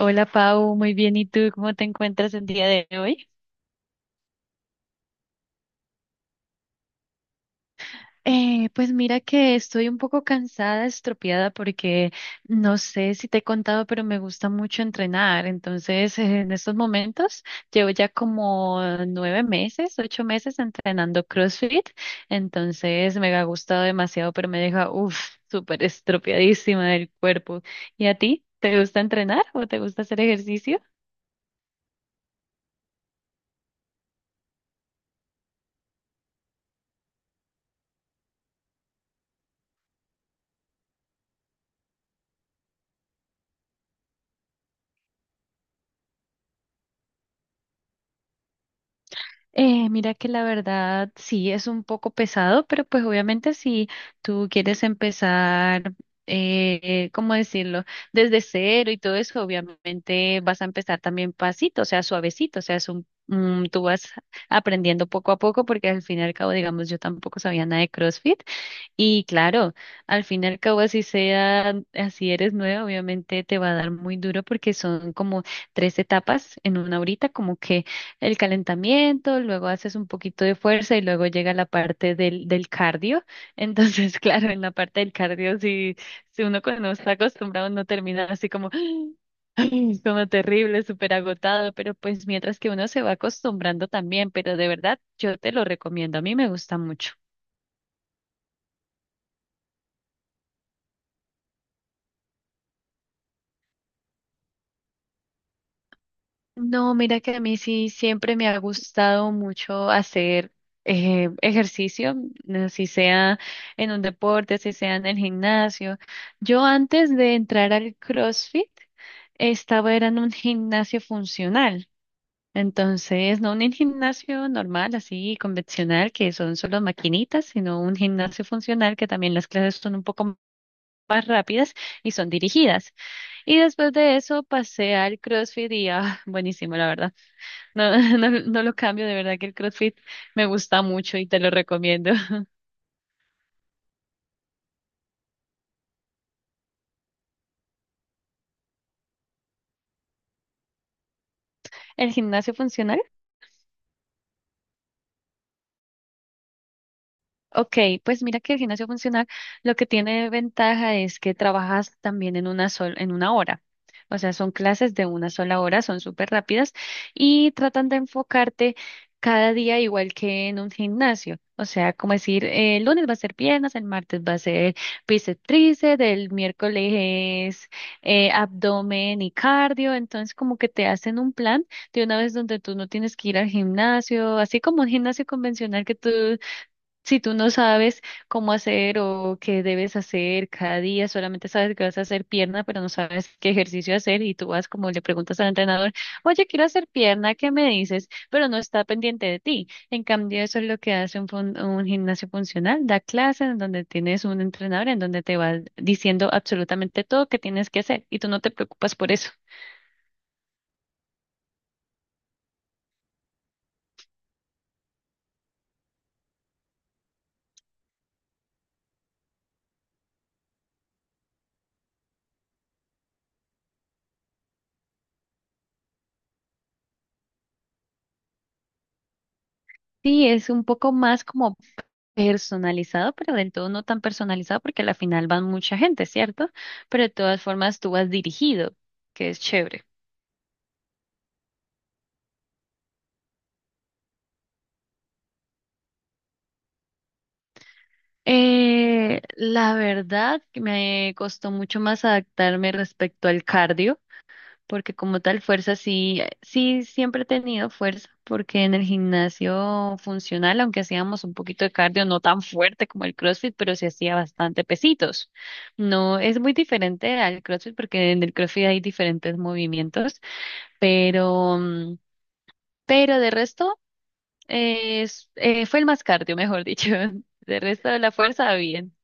Hola Pau, muy bien. ¿Y tú cómo te encuentras el día de hoy? Pues mira que estoy un poco cansada, estropeada, porque no sé si te he contado, pero me gusta mucho entrenar. Entonces, en estos momentos llevo ya como 9 meses, 8 meses entrenando CrossFit. Entonces, me ha gustado demasiado, pero me deja, uff, súper estropeadísima del cuerpo. ¿Y a ti? ¿Te gusta entrenar o te gusta hacer ejercicio? Mira que la verdad sí es un poco pesado, pero pues obviamente si tú quieres empezar, ¿cómo decirlo? Desde cero y todo eso, obviamente vas a empezar también pasito, o sea, suavecito, o sea, es un, tú vas aprendiendo poco a poco porque al fin y al cabo, digamos, yo tampoco sabía nada de CrossFit. Y claro, al fin y al cabo, así sea, así eres nueva, obviamente te va a dar muy duro porque son como tres etapas en una horita, como que el calentamiento, luego haces un poquito de fuerza y luego llega la parte del cardio. Entonces, claro, en la parte del cardio, si uno cuando no está acostumbrado, no termina así como, como terrible, súper agotado, pero pues mientras que uno se va acostumbrando también, pero de verdad, yo te lo recomiendo, a mí me gusta mucho. No, mira que a mí sí siempre me ha gustado mucho hacer ejercicio, no, si sea en un deporte, si sea en el gimnasio. Yo antes de entrar al CrossFit estaba era en un gimnasio funcional. Entonces, no un gimnasio normal, así convencional, que son solo maquinitas, sino un gimnasio funcional que también las clases son un poco más rápidas y son dirigidas. Y después de eso pasé al CrossFit y ah, buenísimo, la verdad. No, no lo cambio, de verdad que el CrossFit me gusta mucho y te lo recomiendo. ¿El gimnasio funcional? Ok, pues mira que el gimnasio funcional lo que tiene de ventaja es que trabajas también en en 1 hora. O sea, son clases de 1 sola hora, son súper rápidas y tratan de enfocarte cada día igual que en un gimnasio. O sea, como decir, el lunes va a ser piernas, el martes va a ser bíceps, tríceps, el miércoles es abdomen y cardio. Entonces, como que te hacen un plan de una vez donde tú no tienes que ir al gimnasio, así como un gimnasio convencional que tú si tú no sabes cómo hacer o qué debes hacer cada día, solamente sabes que vas a hacer pierna, pero no sabes qué ejercicio hacer y tú vas como le preguntas al entrenador, oye, quiero hacer pierna, ¿qué me dices? Pero no está pendiente de ti. En cambio, eso es lo que hace un gimnasio funcional, da clases en donde tienes un entrenador en donde te va diciendo absolutamente todo que tienes que hacer y tú no te preocupas por eso. Sí, es un poco más como personalizado, pero del todo no tan personalizado porque a la final van mucha gente, ¿cierto? Pero de todas formas tú vas dirigido, que es chévere. La verdad que me costó mucho más adaptarme respecto al cardio, porque como tal fuerza sí siempre he tenido fuerza, porque en el gimnasio funcional, aunque hacíamos un poquito de cardio, no tan fuerte como el CrossFit, pero sí hacía bastante pesitos. No, es muy diferente al CrossFit porque en el CrossFit hay diferentes movimientos pero, pero de resto, fue el más cardio, mejor dicho. De resto de la fuerza, bien.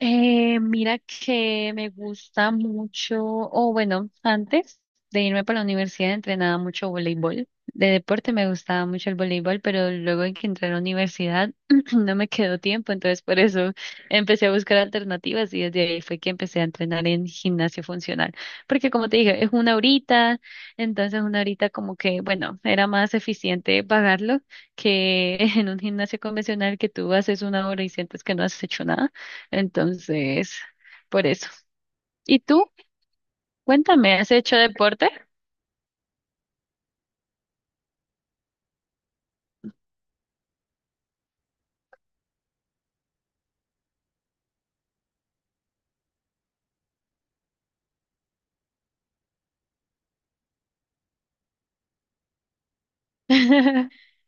Mira que me gusta mucho, o bueno, antes de irme para la universidad entrenaba mucho voleibol. De deporte me gustaba mucho el voleibol, pero luego en que entré a la universidad no me quedó tiempo, entonces por eso empecé a buscar alternativas y desde ahí fue que empecé a entrenar en gimnasio funcional. Porque como te dije, es una horita, entonces una horita como que, bueno, era más eficiente pagarlo que en un gimnasio convencional que tú haces 1 hora y sientes que no has hecho nada. Entonces, por eso. ¿Y tú? Cuéntame, ¿has hecho deporte?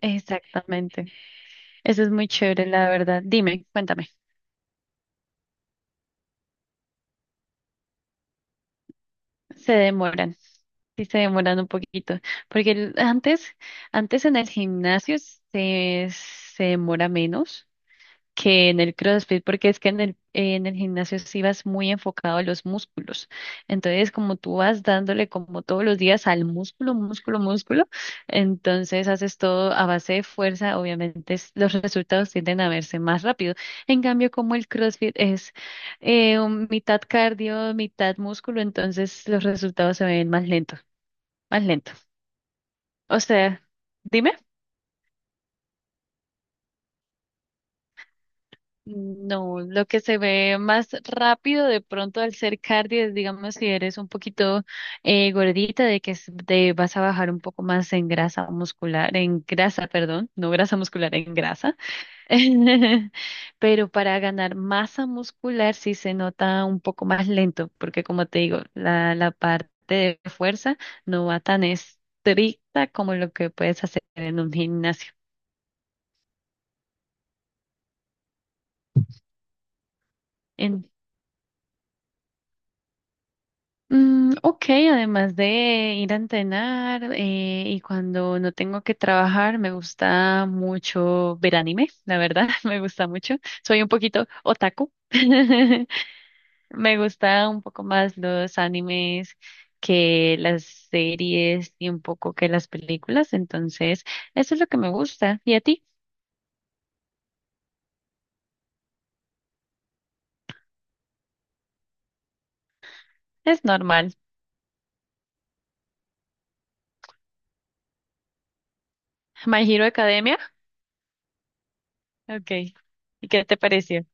Exactamente. Eso es muy chévere, la verdad. Dime, cuéntame. Se demoran, sí se demoran un poquito, porque antes, antes en el gimnasio se demora menos, que en el CrossFit, porque es que en en el gimnasio sí vas muy enfocado a los músculos. Entonces, como tú vas dándole como todos los días al músculo, músculo, músculo, entonces haces todo a base de fuerza, obviamente los resultados tienden a verse más rápido. En cambio, como el CrossFit es un mitad cardio, mitad músculo, entonces los resultados se ven más lento, más lento. O sea, dime. No, lo que se ve más rápido de pronto al ser cardio es, digamos, si eres un poquito gordita, de que te vas a bajar un poco más en grasa muscular, en grasa, perdón, no grasa muscular, en grasa. Pero para ganar masa muscular sí se nota un poco más lento, porque como te digo, la parte de fuerza no va tan estricta como lo que puedes hacer en un gimnasio. Mm, ok, además de ir a entrenar y cuando no tengo que trabajar, me gusta mucho ver anime, la verdad, me gusta mucho. Soy un poquito otaku. Me gusta un poco más los animes que las series y un poco que las películas, entonces eso es lo que me gusta. ¿Y a ti? Es normal. My Hero Academia. Ok. ¿Y qué te pareció?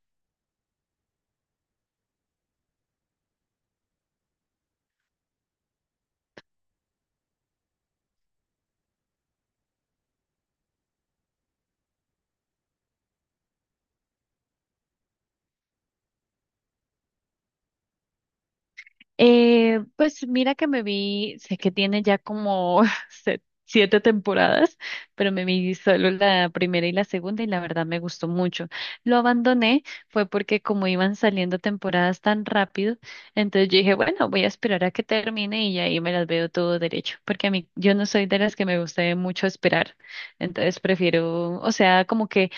Pues mira que me vi, sé que tiene ya como se- 7 temporadas, pero me vi solo la primera y la segunda y la verdad me gustó mucho. Lo abandoné fue porque como iban saliendo temporadas tan rápido, entonces yo dije, bueno, voy a esperar a que termine y ahí me las veo todo derecho, porque a mí yo no soy de las que me gusta mucho esperar, entonces prefiero, o sea, como que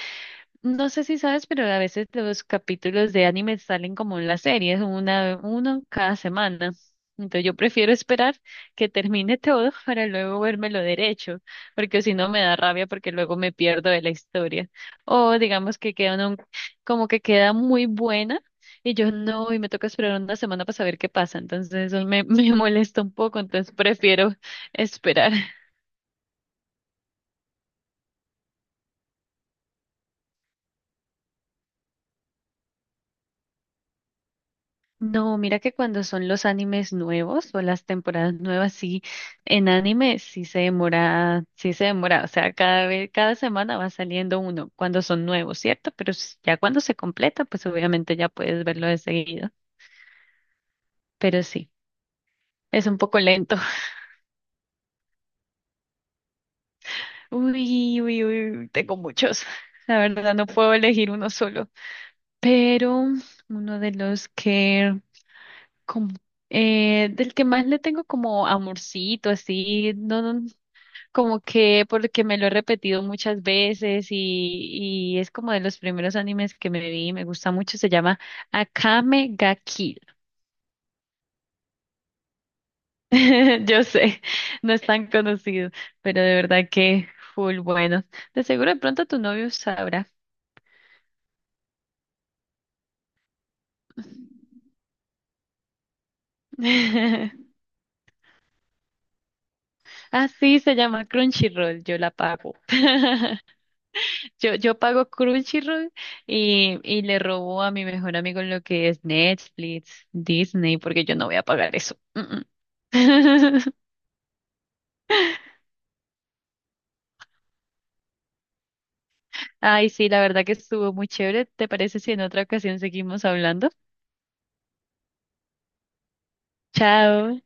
no sé si sabes, pero a veces los capítulos de anime salen como en las series, uno cada semana. Entonces yo prefiero esperar que termine todo para luego lo derecho, porque si no me da rabia porque luego me pierdo de la historia. O digamos que queda un como que queda muy buena y yo no, y me toca esperar 1 semana para saber qué pasa. Entonces eso me, me molesta un poco, entonces prefiero esperar. No, mira que cuando son los animes nuevos o las temporadas nuevas, sí, en anime sí se demora, o sea, cada vez, cada semana va saliendo uno cuando son nuevos, ¿cierto? Pero ya cuando se completa, pues obviamente ya puedes verlo de seguido, pero sí, es un poco lento. Uy, uy, uy, tengo muchos, la verdad no puedo elegir uno solo, pero uno de los que como del que más le tengo como amorcito, así, no, no, como que porque me lo he repetido muchas veces y es como de los primeros animes que me vi, me gusta mucho, se llama Akame ga Kill. Yo sé, no es tan conocido, pero de verdad que full bueno. De seguro de pronto tu novio sabrá. Así se llama Crunchyroll, yo la pago. Yo pago Crunchyroll y le robo a mi mejor amigo lo que es Netflix, Disney, porque yo no voy a pagar eso. Mm, mm. Ay, sí, la verdad que estuvo muy chévere. ¿Te parece si en otra ocasión seguimos hablando? Chao.